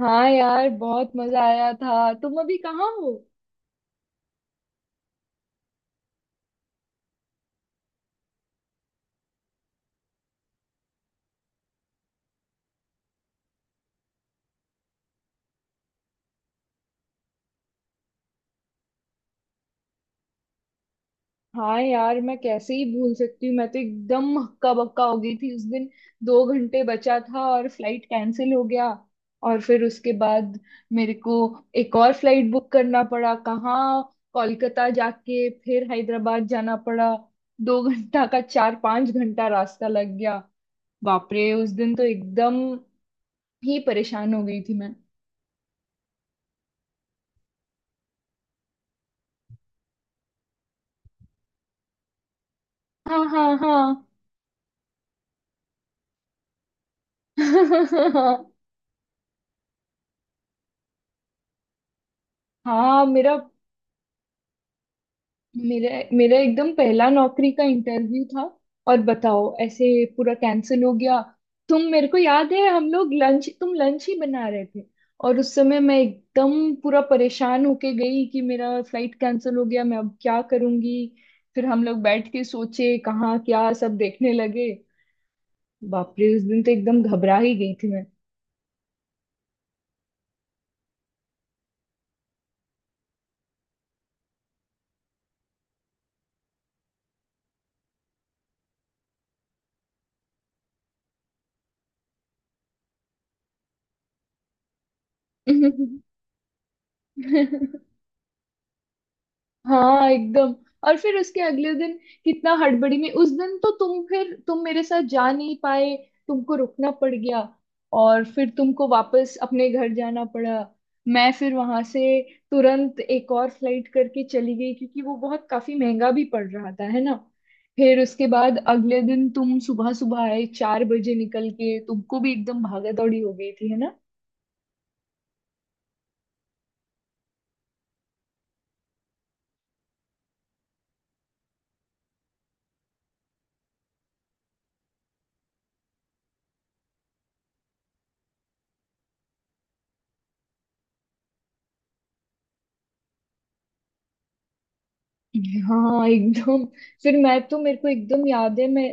हाँ यार, बहुत मजा आया था। तुम अभी कहाँ हो? हाँ यार, मैं कैसे ही भूल सकती हूँ। मैं तो एकदम हक्का बक्का हो गई थी उस दिन। 2 घंटे बचा था और फ्लाइट कैंसिल हो गया। और फिर उसके बाद मेरे को एक और फ्लाइट बुक करना पड़ा। कहाँ, कोलकाता जाके फिर हैदराबाद जाना पड़ा। 2 घंटा का 4-5 घंटा रास्ता लग गया। बाप रे, उस दिन तो एकदम ही परेशान हो गई थी मैं। हाँ हाँ हाँ हाँ। मेरा मेरा मेरा एकदम पहला नौकरी का इंटरव्यू था। और बताओ ऐसे पूरा कैंसिल हो गया। तुम मेरे को याद है, हम लोग लंच तुम लंच ही बना रहे थे। और उस समय मैं एकदम पूरा परेशान होके गई कि मेरा फ्लाइट कैंसिल हो गया, मैं अब क्या करूंगी। फिर हम लोग बैठ के सोचे कहाँ क्या, सब देखने लगे। बाप रे, उस दिन तो एकदम घबरा ही गई थी मैं। हाँ एकदम। और फिर उसके अगले दिन कितना हड़बड़ी में। उस दिन तो तुम फिर तुम मेरे साथ जा नहीं पाए। तुमको रुकना पड़ गया। और फिर तुमको वापस अपने घर जाना पड़ा। मैं फिर वहां से तुरंत एक और फ्लाइट करके चली गई, क्योंकि वो बहुत काफी महंगा भी पड़ रहा था, है ना। फिर उसके बाद अगले दिन तुम सुबह सुबह आए, 4 बजे निकल के। तुमको भी एकदम भागा दौड़ी हो गई थी, है ना। हाँ एकदम। फिर मैं तो, मेरे को एकदम याद है। मैं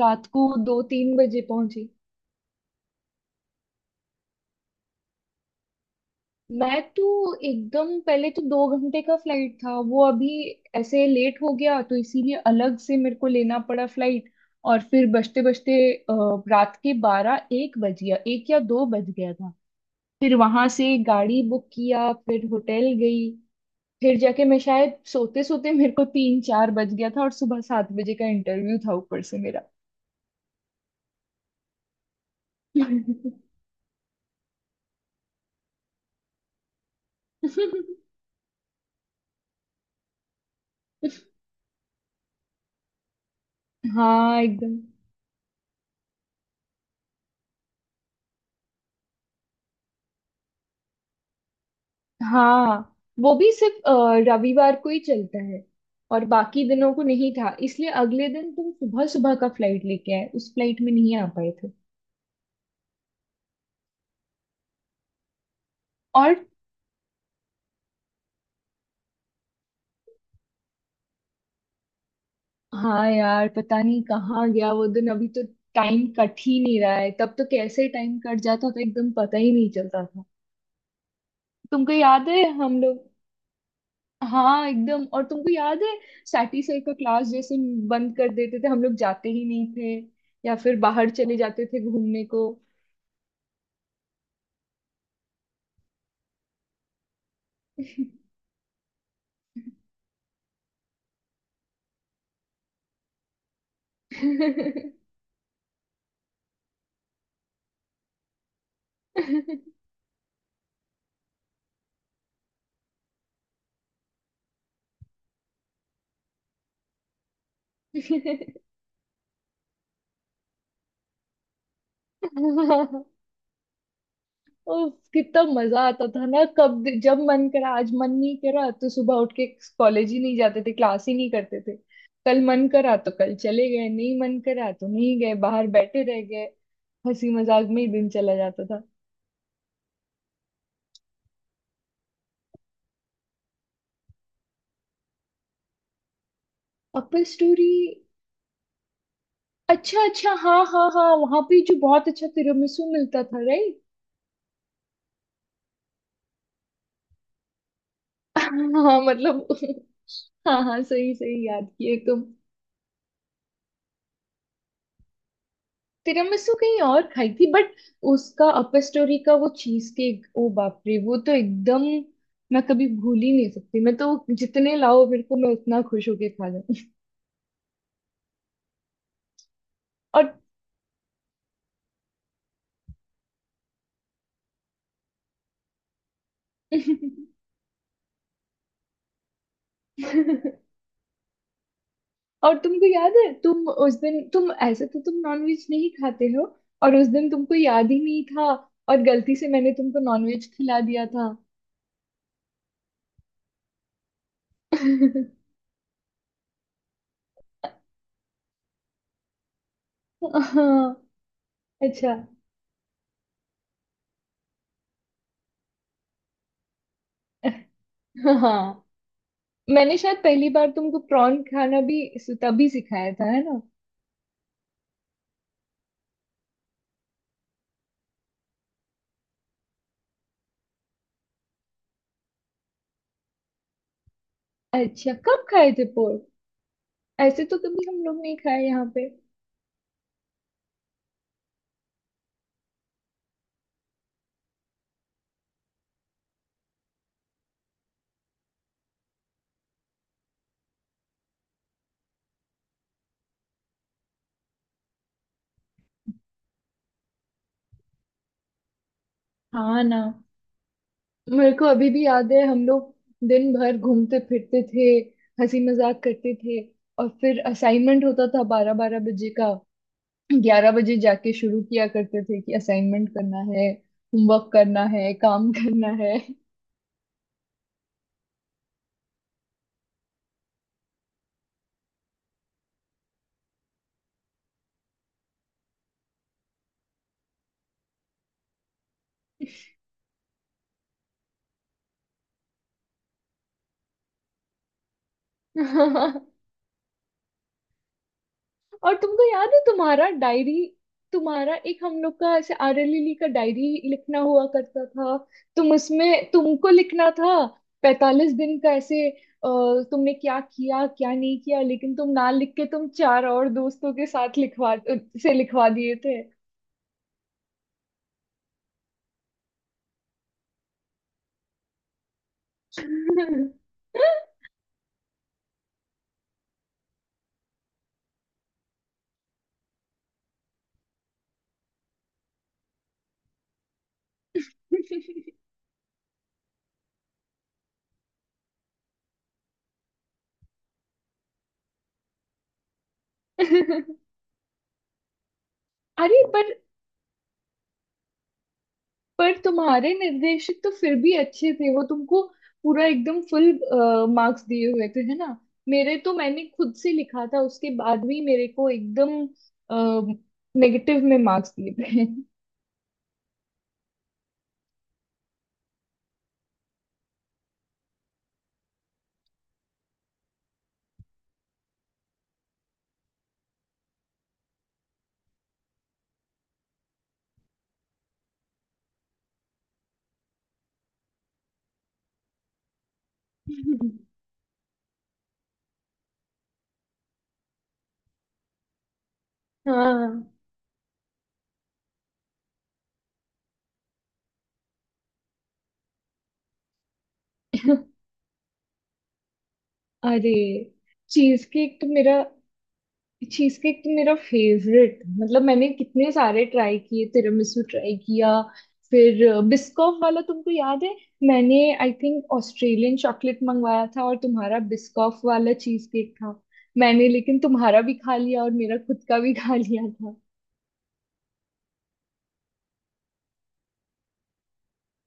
रात को 2-3 बजे पहुंची। मैं तो एकदम पहले तो 2 घंटे का फ्लाइट था। वो अभी ऐसे लेट हो गया, तो इसीलिए अलग से मेरे को लेना पड़ा फ्लाइट। और फिर बजते बजते रात के 12-1 बज गया। 1 या 2 बज गया था। फिर वहां से गाड़ी बुक किया, फिर होटल गई। फिर जाके मैं शायद सोते सोते मेरे को 3-4 बज गया था, और सुबह 7 बजे का इंटरव्यू था ऊपर से मेरा। हाँ एकदम। हाँ, वो भी सिर्फ रविवार को ही चलता है। और बाकी दिनों को नहीं था, इसलिए अगले दिन तुम सुबह सुबह का फ्लाइट लेके आए। उस फ्लाइट में नहीं आ पाए थे। और हाँ यार, पता नहीं कहाँ गया वो दिन। अभी तो टाइम कट ही नहीं रहा है। तब तो कैसे टाइम कट जाता था, एकदम पता ही नहीं चलता था। तुमको याद है हम लोग। हाँ एकदम। और तुमको याद है सैटी सर का क्लास जैसे बंद कर देते थे, हम लोग जाते ही नहीं थे। या फिर बाहर चले जाते थे घूमने को। उफ, कितना मजा आता था ना। कब जब मन करा, आज मन नहीं करा तो सुबह उठ के कॉलेज ही नहीं जाते थे, क्लास ही नहीं करते थे। कल मन करा तो कल चले गए, नहीं मन करा तो नहीं गए, बाहर बैठे रह गए। हंसी मजाक में ही दिन चला जाता था। Upper story. अच्छा अच्छा, हाँ हाँ हाँ, वहां पे जो बहुत अच्छा तिरामिसू मिलता था, राइट? हाँ मतलब, हाँ हाँ, सही सही याद किए तुम। तिरामिसू कहीं और खाई थी, बट उसका अपर स्टोरी का वो चीज केक, ओ बाप रे, वो तो एकदम मैं कभी भूल ही नहीं सकती। मैं तो जितने लाओ मेरे को, मैं उतना खुश होके खा जाऊं। और और तुमको याद है, तुम उस दिन, तुम ऐसे तो तुम नॉनवेज नहीं खाते हो, और उस दिन तुमको याद ही नहीं था, और गलती से मैंने तुमको नॉनवेज खिला दिया था। हाँ। अच्छा। हाँ, मैंने शायद पहली बार तुमको प्रॉन खाना भी तभी सिखाया था, है ना। अच्छा, कब खाए थे पोर्क? ऐसे तो कभी हम लोग नहीं खाए यहाँ पे। हाँ ना। मेरे को अभी भी याद है, हम लोग दिन भर घूमते फिरते थे, हंसी मजाक करते थे। और फिर असाइनमेंट होता था 12-12 बजे का। 11 बजे जाके शुरू किया करते थे कि असाइनमेंट करना है, होमवर्क करना है, काम करना है। और तुमको याद है तुम्हारा डायरी? तुम्हारा एक, हम लोग का ऐसे आर एल एल का डायरी लिखना हुआ करता था। तुम उसमें तुमको लिखना था 45 दिन का ऐसे, तुमने क्या किया क्या नहीं किया, लेकिन तुम ना लिख के तुम चार और दोस्तों के साथ लिखवा दिए थे। अरे हाँ, पर तुम्हारे निर्देशक तो फिर भी अच्छे थे, वो तुमको पूरा एकदम फुल मार्क्स दिए हुए थे, है ना। मेरे तो, मैंने खुद से लिखा था, उसके बाद भी मेरे को एकदम नेगेटिव में मार्क्स दिए थे। हाँ अरे, चीज केक तो मेरा, चीज केक तो मेरा फेवरेट। मतलब, मैंने कितने सारे ट्राई किए, तिरामिसू ट्राई किया, फिर बिस्कॉफ वाला, तुमको याद है। मैंने आई थिंक ऑस्ट्रेलियन चॉकलेट मंगवाया था, और तुम्हारा बिस्कॉफ वाला चीज केक था। मैंने लेकिन तुम्हारा भी खा लिया, और मेरा खुद का भी खा लिया था।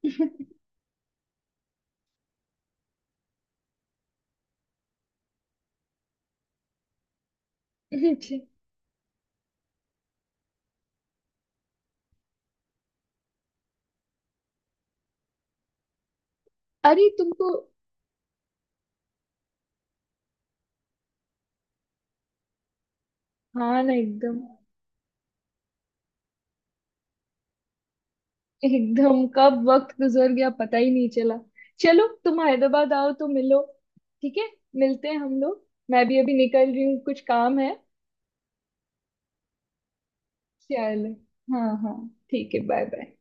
अच्छा। अरे तुमको। हाँ ना, एकदम, एकदम कब वक्त गुजर गया, पता ही नहीं चला। चलो, तुम हैदराबाद आओ तो मिलो। ठीक है, मिलते हैं हम लोग। मैं भी अभी निकल रही हूँ, कुछ काम है। चलो। हाँ हाँ, ठीक है, बाय बाय।